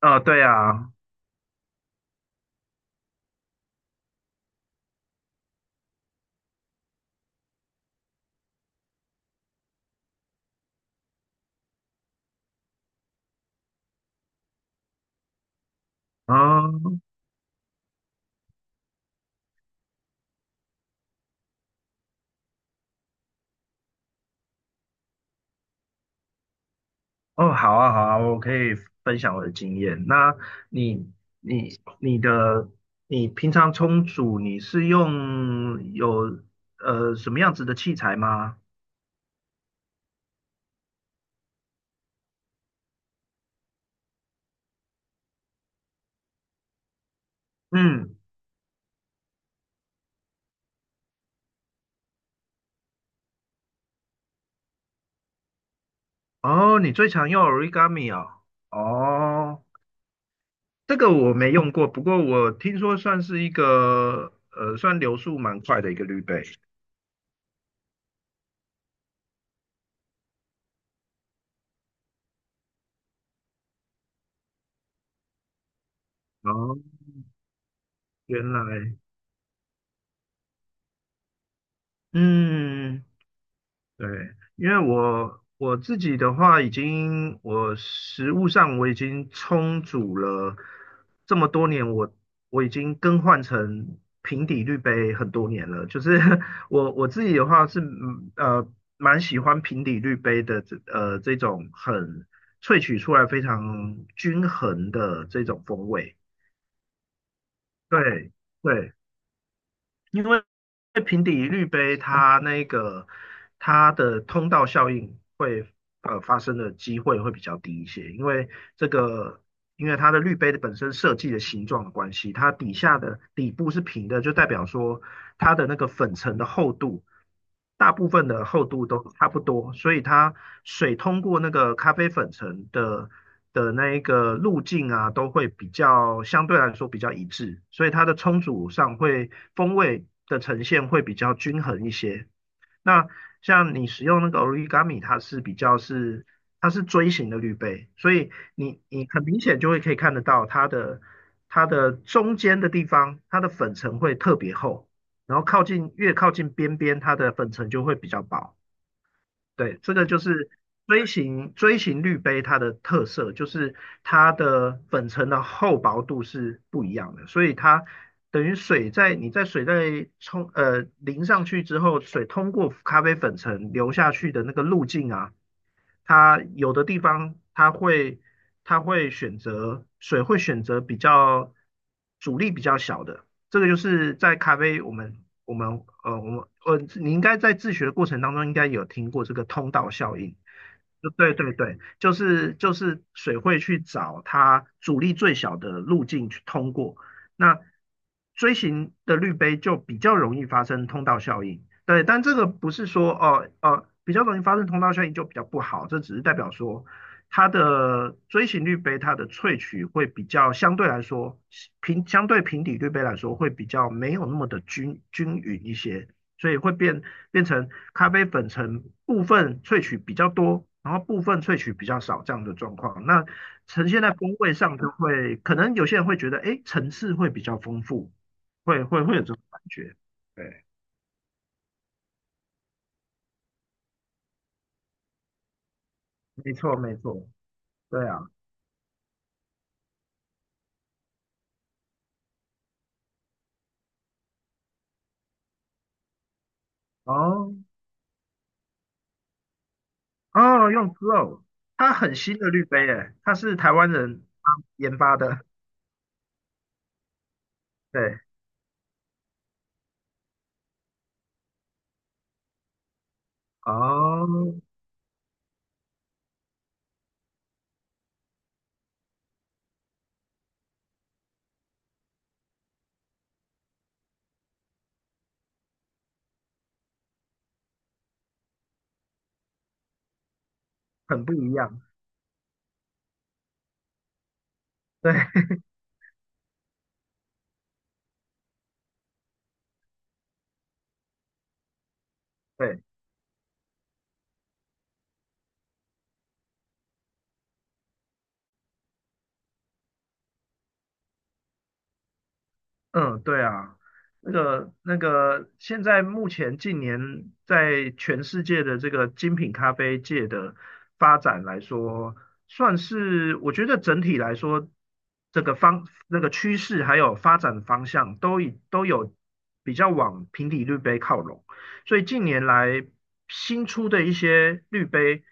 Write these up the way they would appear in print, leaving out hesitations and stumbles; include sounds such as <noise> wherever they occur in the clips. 哦，对啊，嗯，哦，好啊，好啊，我可以分享我的经验。那你、你、你的、你平常冲煮，你是用什么样子的器材吗？嗯，哦，你最常用 origami 啊？哦，这个我没用过，不过我听说算是算流速蛮快的一个滤杯。哦，原来，嗯。对，因为我自己的话，我食物上我已经充足了这么多年，我已经更换成平底滤杯很多年了。就是 <laughs> 我自己的话是蛮喜欢平底滤杯的这种萃取出来非常均衡的这种风味。对对。因为平底滤杯它那个它的通道效应会发生的机会会比较低一些，这个因为它的滤杯的本身设计的形状的关系，它底下的底部是平的，就代表说它的那个粉尘的厚度，大部分的厚度都差不多，所以水通过那个咖啡粉层的那一个路径啊，都会相对来说比较一致，所以它的冲煮上风味的呈现会比较均衡一些。那像你使用那个 origami，它是比较是它是锥形的滤杯，所以你很明显就可以看得到它的中间的地方，它的粉层会特别厚。然后越靠近边边，它的粉尘就会比较薄。对，这个就是锥形滤杯它的特色，就是它的粉尘的厚薄度是不一样的，所以它等于水在淋上去之后，水通过咖啡粉层流下去的那个路径啊，它有的地方它会它会选择水会选择阻力比较小的，这个就是在咖啡我们我们呃我们呃你应该在自学的过程当中应该有听过这个通道效应。对对对，就是水会去找它阻力最小的路径去通过，那锥形的滤杯就比较容易发生通道效应。对，但这个不是说比较容易发生通道效应就比较不好，这只是代表说它的锥形滤杯它的萃取会比较相对来说平相对平底滤杯来说会比较没有那么的均匀一些，所以会变成咖啡粉层部分萃取比较多，然后部分萃取比较少这样的状况。那呈现在风味上就会，可能有些人会觉得，哎，层次会比较丰富，会有这种感觉。对，没错没错，对啊，哦哦，用 Glow 它很新的滤杯诶，它是台湾人研发的，对，哦，很不一样，对对。嗯，对啊，现在目前近年在全世界的这个精品咖啡界的发展来说，算是我觉得整体来说，这个方那个趋势还有发展方向都有比较往平底滤杯靠拢，所以近年来新出的一些滤杯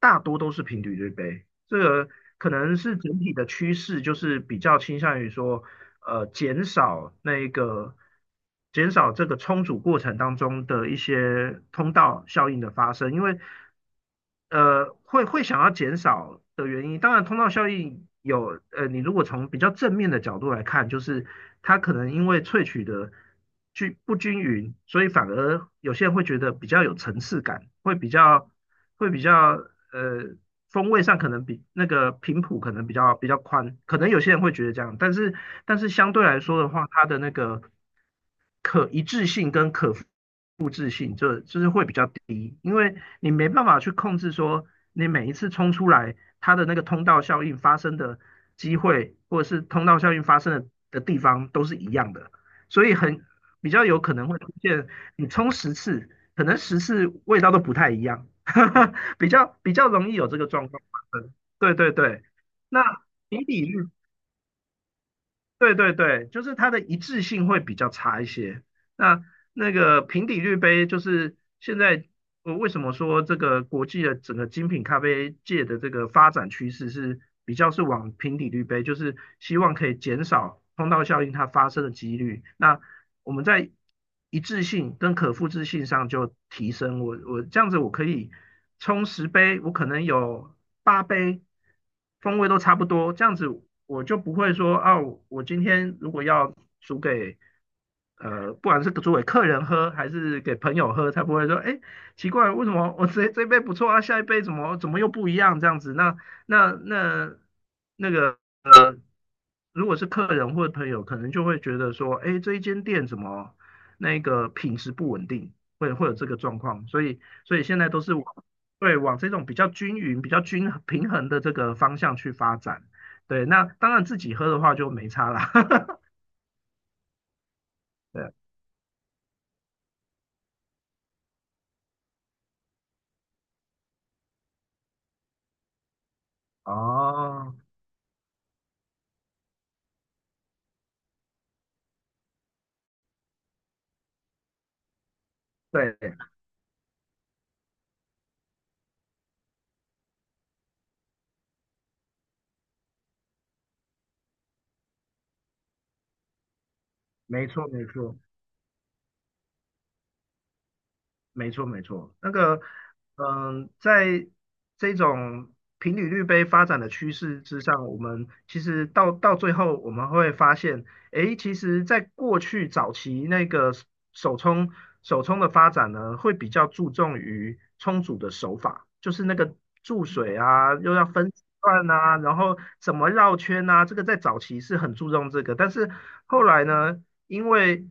大多都是平底滤杯，这个可能是整体的趋势，就是比较倾向于说，减少减少这个冲煮过程当中的一些通道效应的发生，因为会想要减少的原因，当然通道效应你如果从比较正面的角度来看，就是它可能因为萃取的均不均匀，所以反而有些人会觉得比较有层次感，会比较会比较呃风味上可能比那个频谱可能比较宽，可能有些人会觉得这样，但是相对来说的话，它的那个可一致性跟可复制性就是会比较低，因为你没办法去控制说你每一次冲出来它的那个通道效应发生的机会，或者是通道效应发生的地方都是一样的，所以比较有可能会出现你冲十次，可能十次味道都不太一样 <laughs>，比较容易有这个状况发生。对对对，那比比率对对对，就是它的一致性会比较差一些。那那个平底滤杯，就是现在我为什么说这个国际的整个精品咖啡界的这个发展趋势是比较是往平底滤杯，就是希望可以减少通道效应它发生的几率。那我们在一致性跟可复制性上就提升。我这样子我可以冲10杯，我可能有8杯风味都差不多，这样子我就不会说啊，我今天如果要煮给不管是煮给客人喝还是给朋友喝，才不会说，哎，奇怪，为什么我这杯不错啊，下一杯怎么又不一样这样子？那那个如果是客人或者朋友，可能就会觉得说，哎，这一间店怎么那个品质不稳定，会有这个状况，所以现在都是往对往这种比较均匀、比较平衡的这个方向去发展。对，那当然自己喝的话就没差啦。<laughs> 对，哦，对，没错没错，没错，没错，那个，嗯，在这种平履率杯发展的趋势之上，我们其实到最后，我们会发现，诶，其实，在过去早期那个手冲手冲的发展呢，会比较注重于冲煮的手法，就是那个注水啊，又要分时段啊，然后怎么绕圈啊，这个在早期是很注重这个，但是后来呢？因为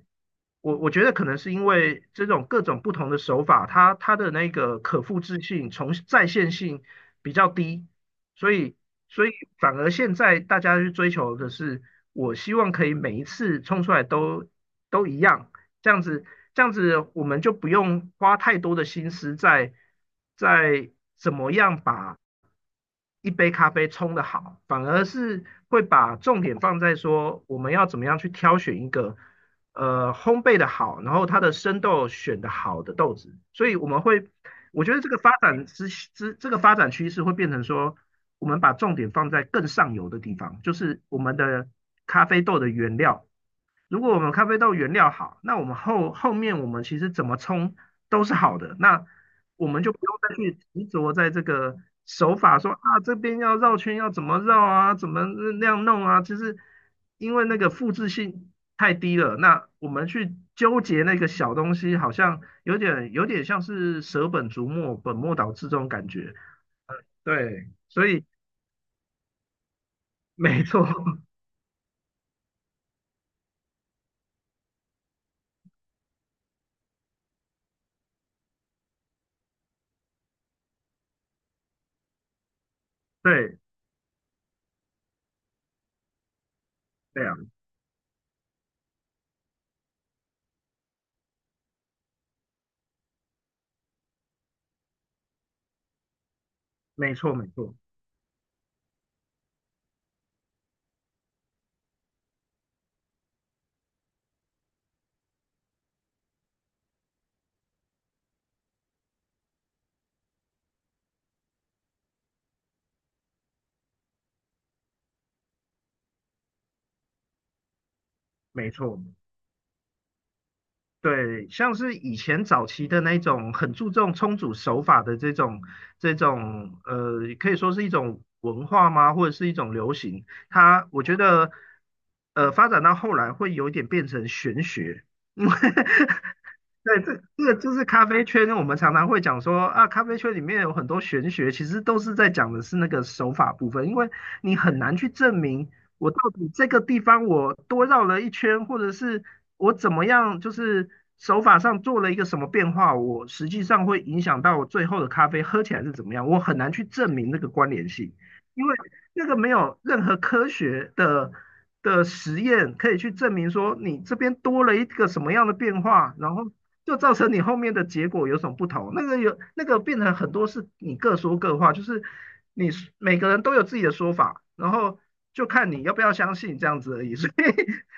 我觉得可能是因为这种各种不同的手法，它的那个可复制性、再现性比较低，所以所以反而现在大家去追求的是，我希望可以每一次冲出来都一样，这样子这样子我们就不用花太多的心思在在怎么样把一杯咖啡冲的好，反而是会把重点放在说我们要怎么样去挑选一个烘焙的好，然后它的生豆选的好的豆子，所以我们会，我觉得这个发展之之这个发展趋势会变成说，我们把重点放在更上游的地方，就是我们的咖啡豆的原料如果我们咖啡豆原料好，那我们后面我们其实怎么冲都是好的，那我们就不用再去执着在这个手法说啊这边要绕圈要怎么绕啊，怎么那样弄啊，就是因为那个复制性太低了，那我们去纠结那个小东西，好像有点像是舍本逐末、本末倒置这种感觉。对，所以没错，<laughs> 对对啊，没错没错没错。对，像是以前早期的那种很注重冲煮手法的这种，可以说是一种文化吗，或者是一种流行？我觉得发展到后来会有一点变成玄学，<laughs> 对，这个就是咖啡圈，我们常常会讲说啊，咖啡圈里面有很多玄学，其实都是在讲的是那个手法部分，因为你很难去证明我到底这个地方我多绕了一圈，或者是我怎么样，就是手法上做了一个什么变化，我实际上会影响到我最后的咖啡喝起来是怎么样，我很难去证明那个关联性，因为那个没有任何科学的实验可以去证明说你这边多了一个什么样的变化，然后就造成你后面的结果有什么不同？那个有那个变成很多是你各说各话，就是你每个人都有自己的说法，然后就看你要不要相信这样子而已，所以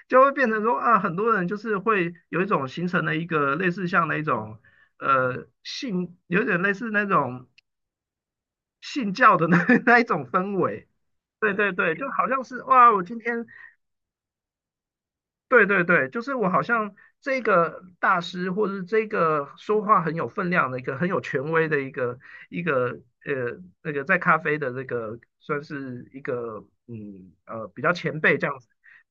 就会变成说啊，很多人就是会有一种形成了一个类似像那种有点类似那种信教的那一种氛围。对对对，就好像是哇，我今天对对对，就是我好像这个大师，或者是这个说话很有分量的一个很有权威的一个那个在咖啡的那个算是一个比较前辈这样子。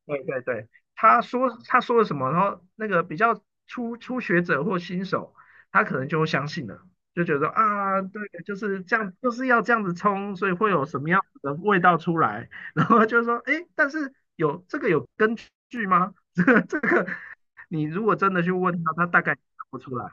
对对对，他说了什么，然后那个比较初学者或新手，他可能就会相信了，就觉得啊对，就是这样，就是要这样子冲，所以会有什么样子的味道出来。然后就说，哎，但是有这个有根据吗？<laughs> 这个，你如果真的去问他，他大概也答不出来。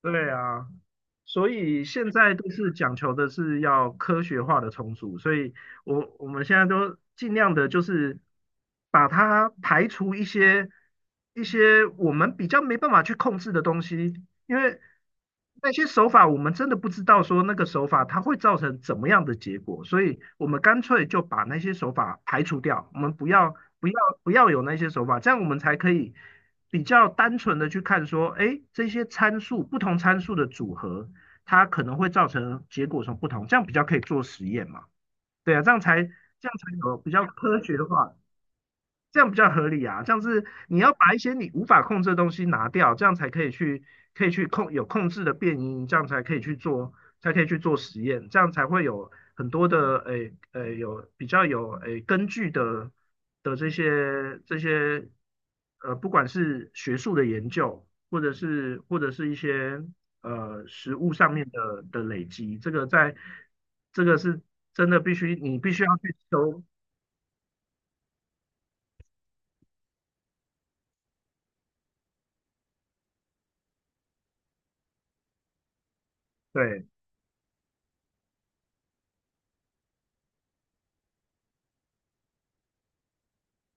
对啊，所以现在都是讲求的是要科学化的重组，所以我们现在都尽量的就是把它排除一些我们比较没办法去控制的东西，因为那些手法我们真的不知道说那个手法它会造成怎么样的结果，所以我们干脆就把那些手法排除掉，我们不要不要有那些手法，这样我们才可以，比较单纯的去看说，哎，这些参数不同参数的组合，它可能会造成结果什么不同，这样比较可以做实验嘛？对啊，这样才有比较科学的话。这样比较合理啊。这样是你要把一些你无法控制的东西拿掉，这样才可以去控制的变音，这样才可以去做实验，这样才会有很多的有比较有根据的这些不管是学术的研究，或者是一些实物上面的累积，这个在这个是真的你必须要去收对。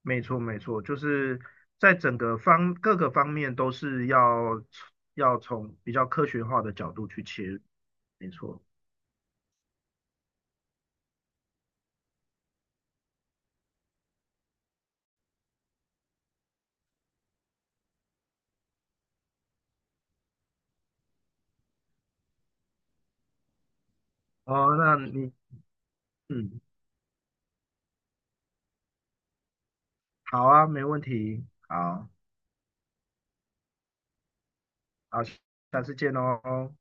没错，没错，就是在整个方各个方面都是要从比较科学化的角度去切入，没错。哦，那你嗯，好啊，没问题，好，好，下次见哦。